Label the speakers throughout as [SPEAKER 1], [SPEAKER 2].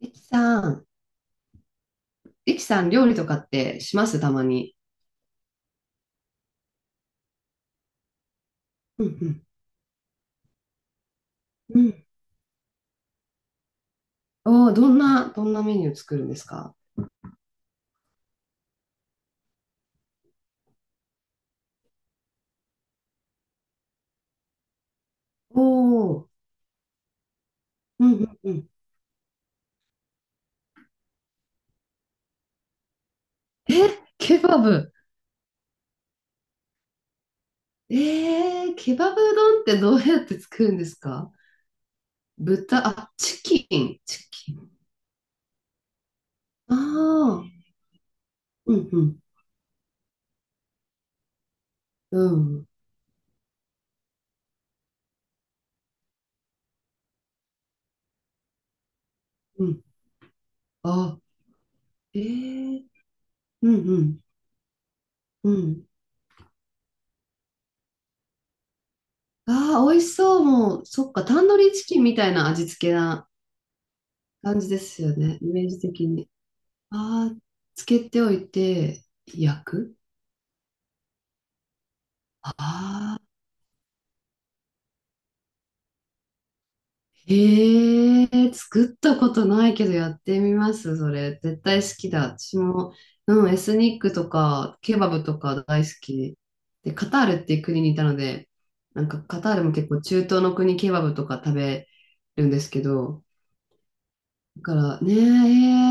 [SPEAKER 1] リキさん、リキさん、料理とかってしますたまに。うんうん。うん。おー、どんなメニュー作るんですか？おー、うんうんうん。え、ケバブ。えー、ケバブ丼ってどうやって作るんですか？豚、あ、チキン。ああ、うんうん、うん、うん。あ、えー、うんうん、うん。ああ、美味しそう。もう、そっか、タンドリーチキンみたいな味付けな感じですよね。イメージ的に。ああ、つけておいて、焼く。ああー、へえ、作ったことないけどやってみます、それ。絶対好きだ。私も、うん、エスニックとか、ケバブとか大好き。で、カタールっていう国にいたので、なんかカタールも結構中東の国ケバブとか食べるんですけど、だからね、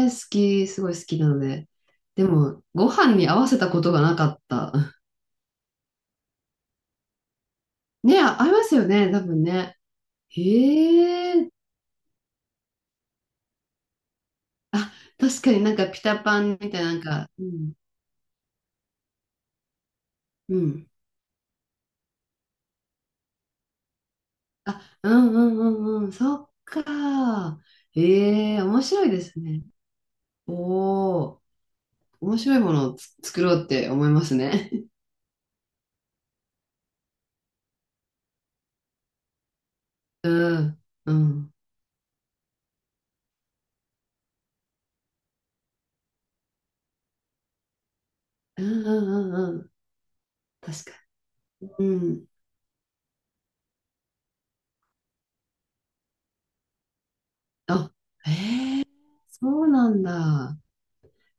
[SPEAKER 1] えー好き、すごい好きなので。でも、ご飯に合わせたことがなかった。ね、あ、ありますよね、多分ね。へえ、あ、確かになんかピタパンみたいな、なんか、うん、うん。あ、うんうんうんうん、そっか。ええ、面白いですね。おお、面白いものをつ作ろうって思いますね。うん、うん、うんうんうんうん、確かに。うん、あ、そうなんだ。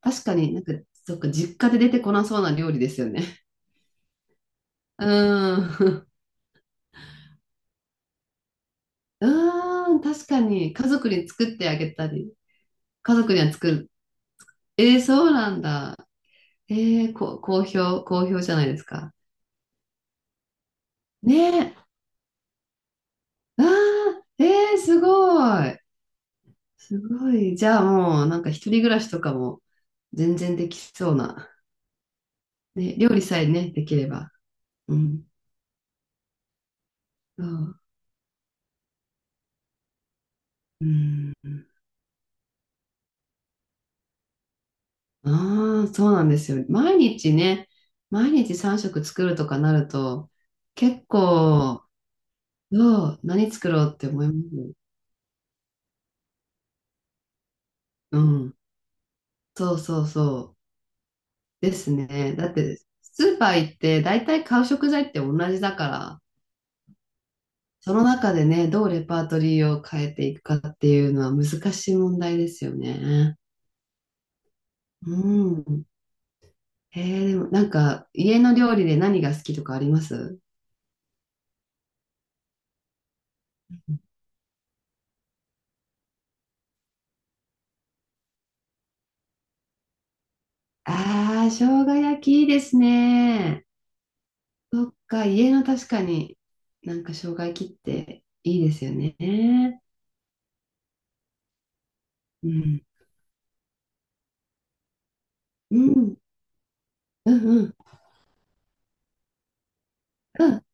[SPEAKER 1] 確かになんか、そっか、実家で出てこなそうな料理ですよね。うーん。うーん、確かに。家族に作ってあげたり、家族には作る。えー、そうなんだ。えー、こ、好評じゃないですか？ねえ。あー、えー、すごい。すごい。じゃあもう、なんか一人暮らしとかも全然できそうな。ね、料理さえね、できれば。うん。そう。うん。ああ、そうなんですよ。毎日ね、毎日3食作るとかなると、結構、どう、何作ろうって思います。うん。そうそうそう。ですね。だって、スーパー行って、大体買う食材って同じだから、その中でね、どうレパートリーを変えていくかっていうのは難しい問題ですよね。うん。えー、でもなんか、家の料理で何が好きとかあります？ああー、生姜焼きいいですね。そっか、家の確かになんか障害切っていいですよね。うん。うん。うんうん。うん。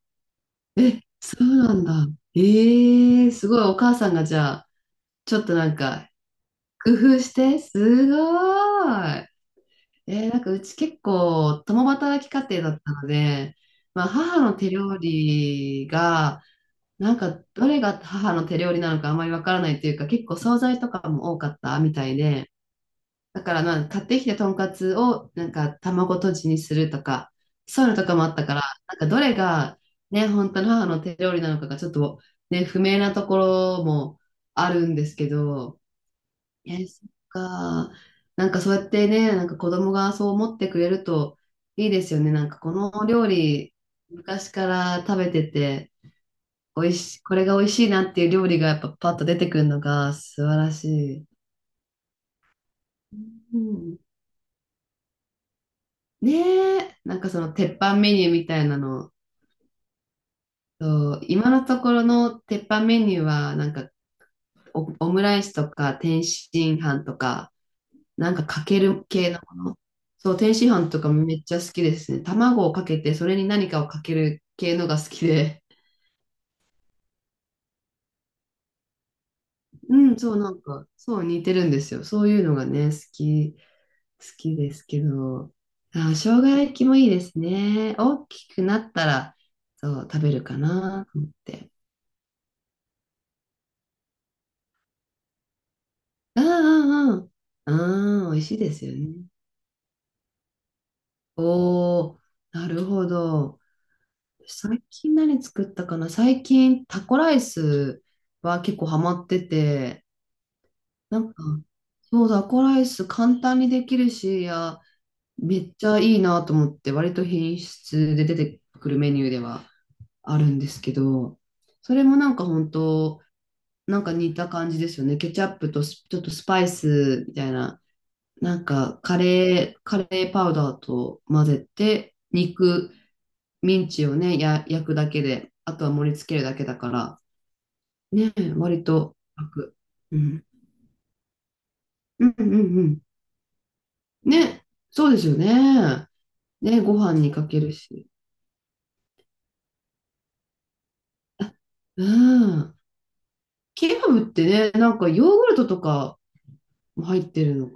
[SPEAKER 1] え、そうなんだ。ええすごい。お母さんがじゃあ、ちょっとなんか工夫して、すごーい。えーなんかうち結構共働き家庭だったので、まあ母の手料理が、なんかどれが母の手料理なのかあまりわからないというか、結構惣菜とかも多かったみたいで、だからなんか買ってきてとんかつをなんか卵とじにするとか、そういうのとかもあったから、なんかどれがね、本当の母の手料理なのかがちょっとね、不明なところもあるんですけど、え、そっか。なんかそうやってね、なんか子供がそう思ってくれるといいですよね。なんかこの料理、昔から食べてて、美味し、これが美味しいなっていう料理がやっぱパッと出てくるのが素晴らしい。うんねえ、なんかその鉄板メニューみたいなの、そう今のところの鉄板メニューは、なんかオ、オムライスとか天津飯とか、なんかかける系のもの。そう、天津飯とかめっちゃ好きですね。卵をかけて、それに何かをかける系のが好きで。うん、そう、なんか、そう似てるんですよ。そういうのがね、好きですけど。あ、生姜焼きもいいですね。大きくなったら、そう、食べるかなと思って。ああああああ美味しいですよね。おおなるほど。最近何作ったかな最近タコライスは結構ハマってて、なんか、そう、タコライス簡単にできるし、いや、めっちゃいいなと思って、割と品質で出てくるメニューではあるんですけど、それもなんか本当、なんか似た感じですよね。ケチャップとスちょっとスパイスみたいな。なんか、カレーパウダーと混ぜて、肉、ミンチをね、や、焼くだけで、あとは盛り付けるだけだから、ね、割と楽。うん。うんうんうん。ね、そうですよね。ね、ご飯にかけるし。うん。ケバブってね、なんかヨーグルトとかも入ってるの？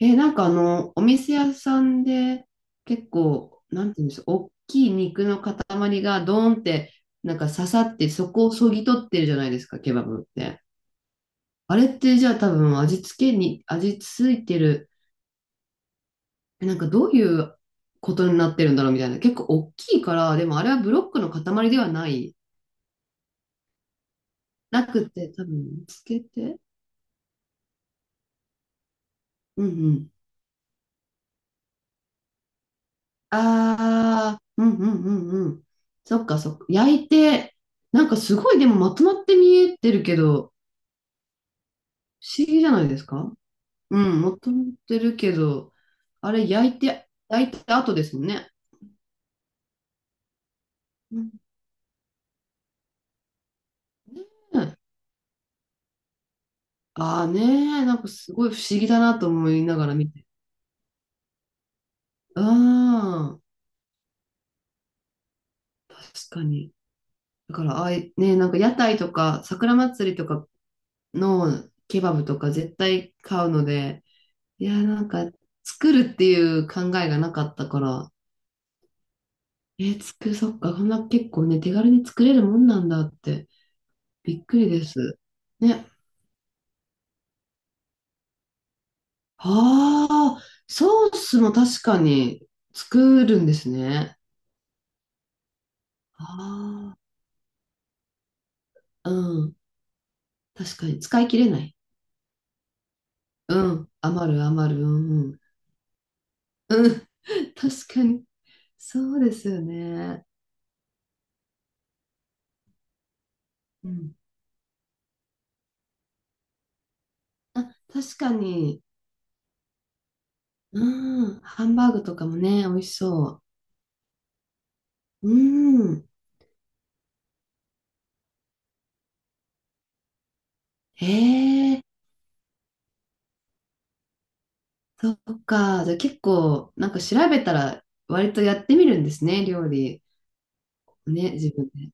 [SPEAKER 1] え、なんかあの、お店屋さんで結構、なんていうんですか、大きい肉の塊がドーンって、なんか刺さって、そこをそぎ取ってるじゃないですか、ケバブって。あれってじゃあ多分味付けに、味付いてる、なんかどういうことになってるんだろうみたいな。結構大きいから、でもあれはブロックの塊ではない、なくて、多分、つけて、うんああ、うんうんうんうん。そっかそっか。焼いて、なんかすごいでもまとまって見えてるけど、不思議じゃないですか？うん、まとまってるけど、あれ焼いて、焼いた後ですもんね。うんねああねえ、なんかすごい不思議だなと思いながら見て。ああ、確かに。だから、ああい、ねえ、なんか屋台とか、桜祭りとかのケバブとか絶対買うので、いや、なんか、作るっていう考えがなかったから、えー、作る、そっか、こんな結構ね、手軽に作れるもんなんだって、びっくりです。ね。ああ、ソースも確かに作るんですね。ああ、うん。確かに、使い切れない。うん。余る、うん、うん。うん、確かに。そうですよね。うん。あ、確かに。うん。ハンバーグとかもね、美味しそう。うん。ええそっか。じゃあ結構、なんか調べたら、割とやってみるんですね、料理。ね、自分で。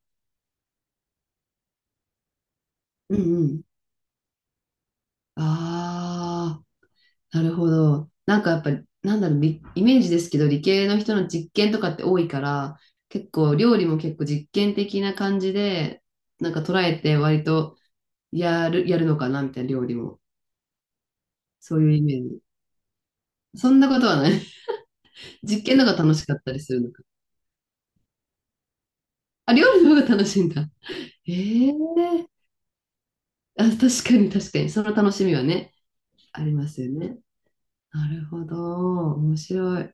[SPEAKER 1] うんうん。ああ、なるほど。なんかやっぱり、なんだろう、りイメージですけど、理系の人の実験とかって多いから、結構、料理も結構実験的な感じで、なんか捉えて、割とやるのかな、みたいな料理も。そういうイメージ。そんなことはない。実験の方が楽しかったりするのか。あ、料理の方が楽しいんだ。ええあ、確かに、その楽しみはね、ありますよね。なるほど、面白い。